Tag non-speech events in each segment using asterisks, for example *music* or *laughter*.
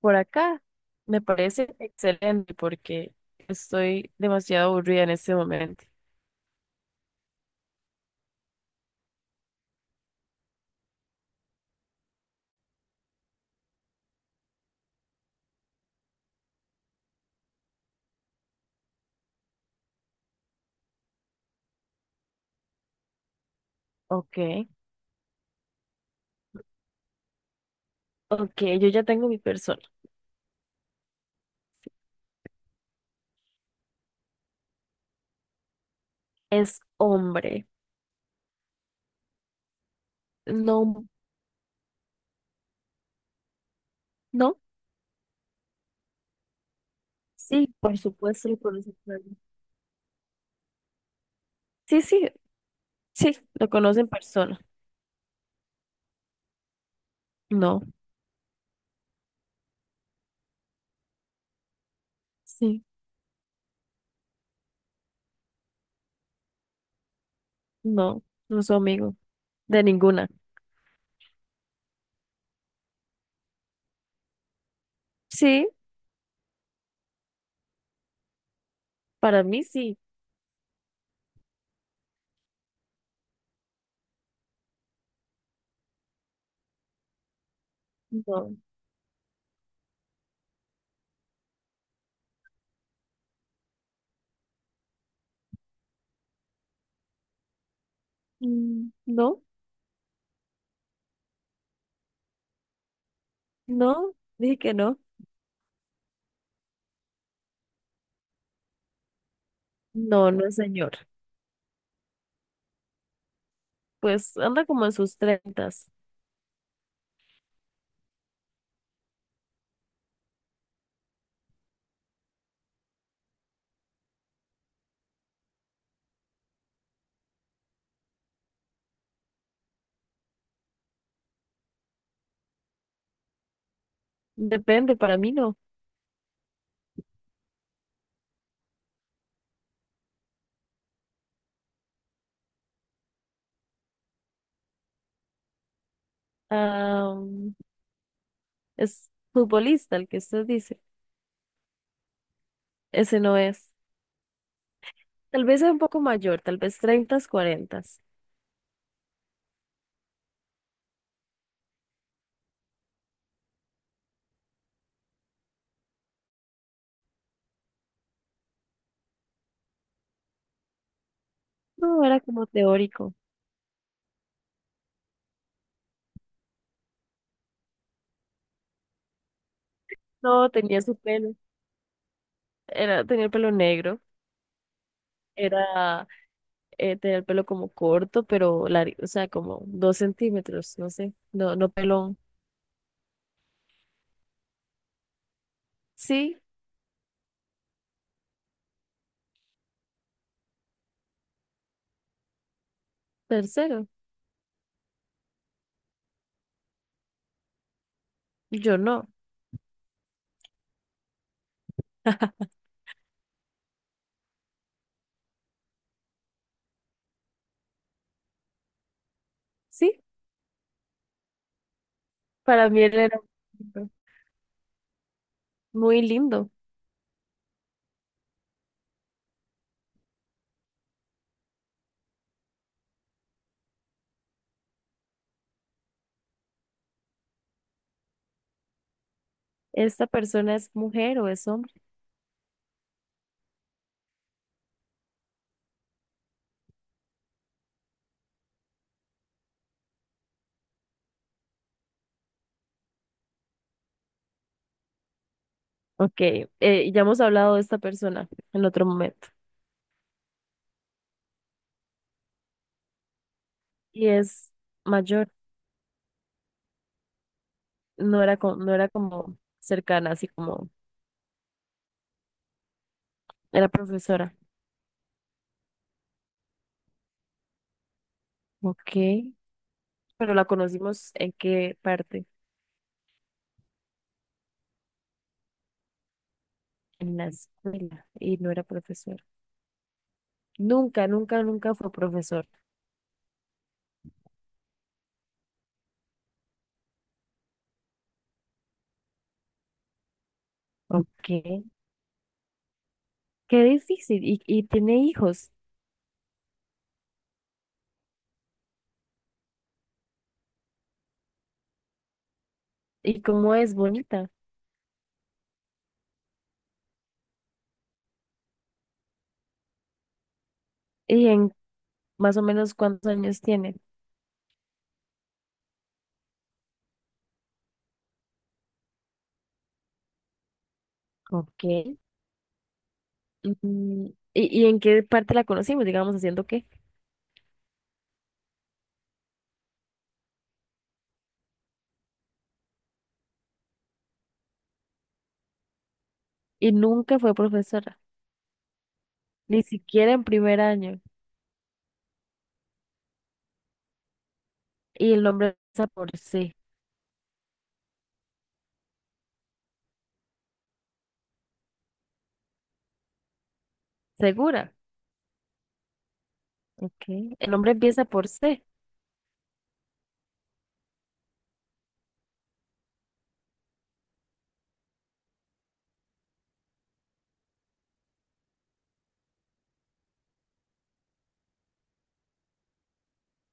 Por acá. Me parece excelente porque estoy demasiado aburrida en este momento. Ok, ok, yo ya tengo mi persona. Es hombre. No, no. Sí, por supuesto lo conoce en persona. Sí, sí, sí, lo conoce en persona. No, sí, no, no soy amigo de ninguna. Sí, para mí sí. No, mm, no, no, dije que no. No, no, señor. Pues anda como en sus treintas. Depende, para mí no. Am, es futbolista el que usted dice. Ese no es. Tal vez es un poco mayor, tal vez 30, 40. No, era como teórico. No, tenía su pelo. Tenía el pelo negro. Era, tenía el pelo como corto, pero largo, o sea, como 2 centímetros, no sé. No, no pelón. Sí, tercero. Yo no. *laughs* Sí, para mí él era muy lindo. ¿Esta persona es mujer o es hombre? Ok, ya hemos hablado de esta persona en otro momento y es mayor, no era, no era como cercana, así como era profesora. Ok, pero la conocimos en qué parte, en la escuela y no era profesora. Nunca, nunca, nunca fue profesor. Ok, qué difícil. Y tiene hijos. ¿Y cómo es bonita? ¿Y en más o menos cuántos años tiene? Ok. mm, ¿y en qué parte la conocimos, digamos, haciendo qué? Y nunca fue profesora, ni siquiera en primer año. Y el nombre empieza por C. ¿Segura? Ok. El nombre empieza por C.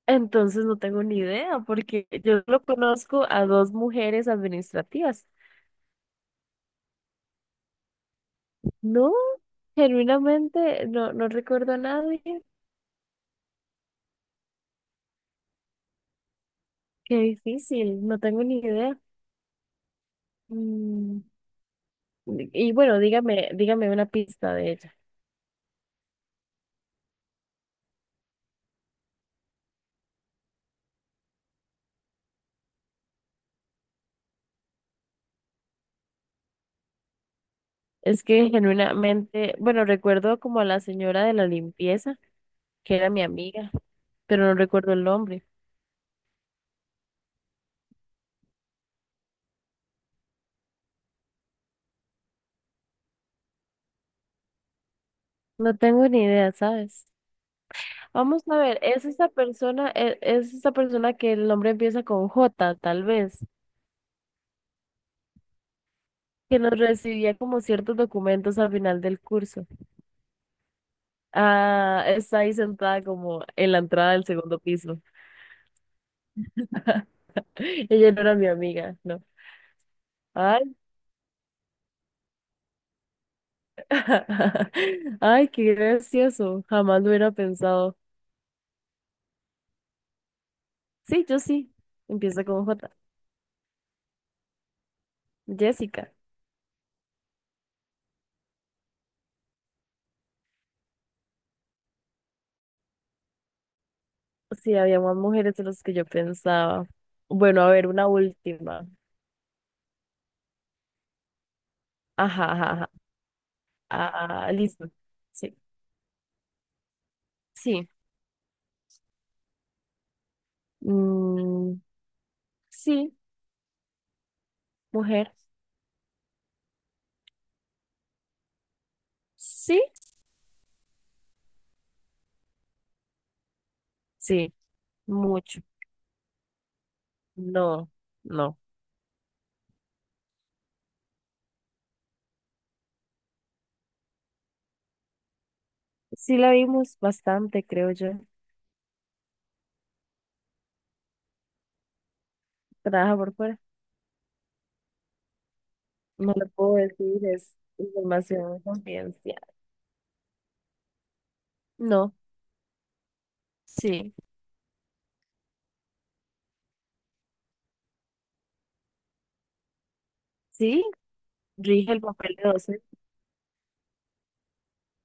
Entonces no tengo ni idea, porque yo lo conozco a dos mujeres administrativas. No, genuinamente no, no recuerdo a nadie. Qué difícil, no tengo ni idea. Mm, Y bueno, dígame, dígame una pista de ella. Es que genuinamente, bueno, recuerdo como a la señora de la limpieza, que era mi amiga. Pero no recuerdo el nombre. No tengo ni idea, ¿sabes? Vamos a ver, es esta persona que el nombre empieza con J, tal vez, que nos recibía como ciertos documentos al final del curso. Ah, está ahí sentada como en la entrada del segundo piso. *laughs* Ella no era mi amiga, no. Ay, *laughs* ay, qué gracioso. Jamás lo hubiera pensado. Sí, yo sí. Empieza con J. Jessica. Sí, había más mujeres de las que yo pensaba. Bueno, a ver, una última. Ajá, ajá, ajá. Ah, ah, listo. Sí. Sí. Mm, sí, mujer. Sí. Sí, mucho. No, no. Sí la vimos bastante, creo yo. Trabaja por fuera. No lo puedo decir, es información confidencial. No, sí. Sí, rige el papel de 12.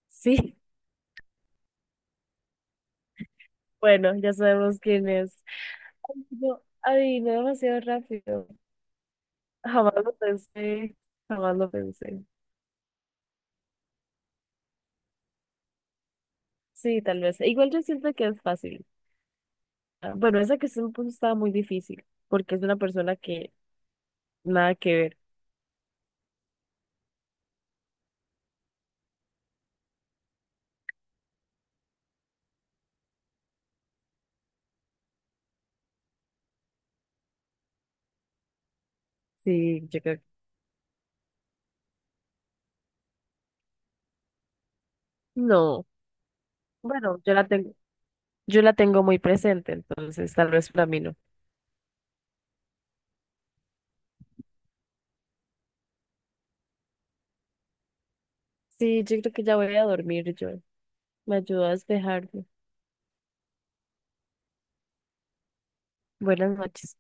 Sí, *laughs* bueno, ya sabemos quién es. Ay, no, adivino demasiado rápido. Jamás lo pensé, jamás lo pensé. Sí, tal vez. E igual yo siento que es fácil. Ah, bueno, esa que se me puso estaba muy difícil, porque es una persona que nada que ver. Sí, yo creo que... No, bueno, yo la tengo muy presente, entonces tal vez para mí no. Sí, yo creo que ya voy a dormir yo. Me ayudó a despejarme. Buenas noches.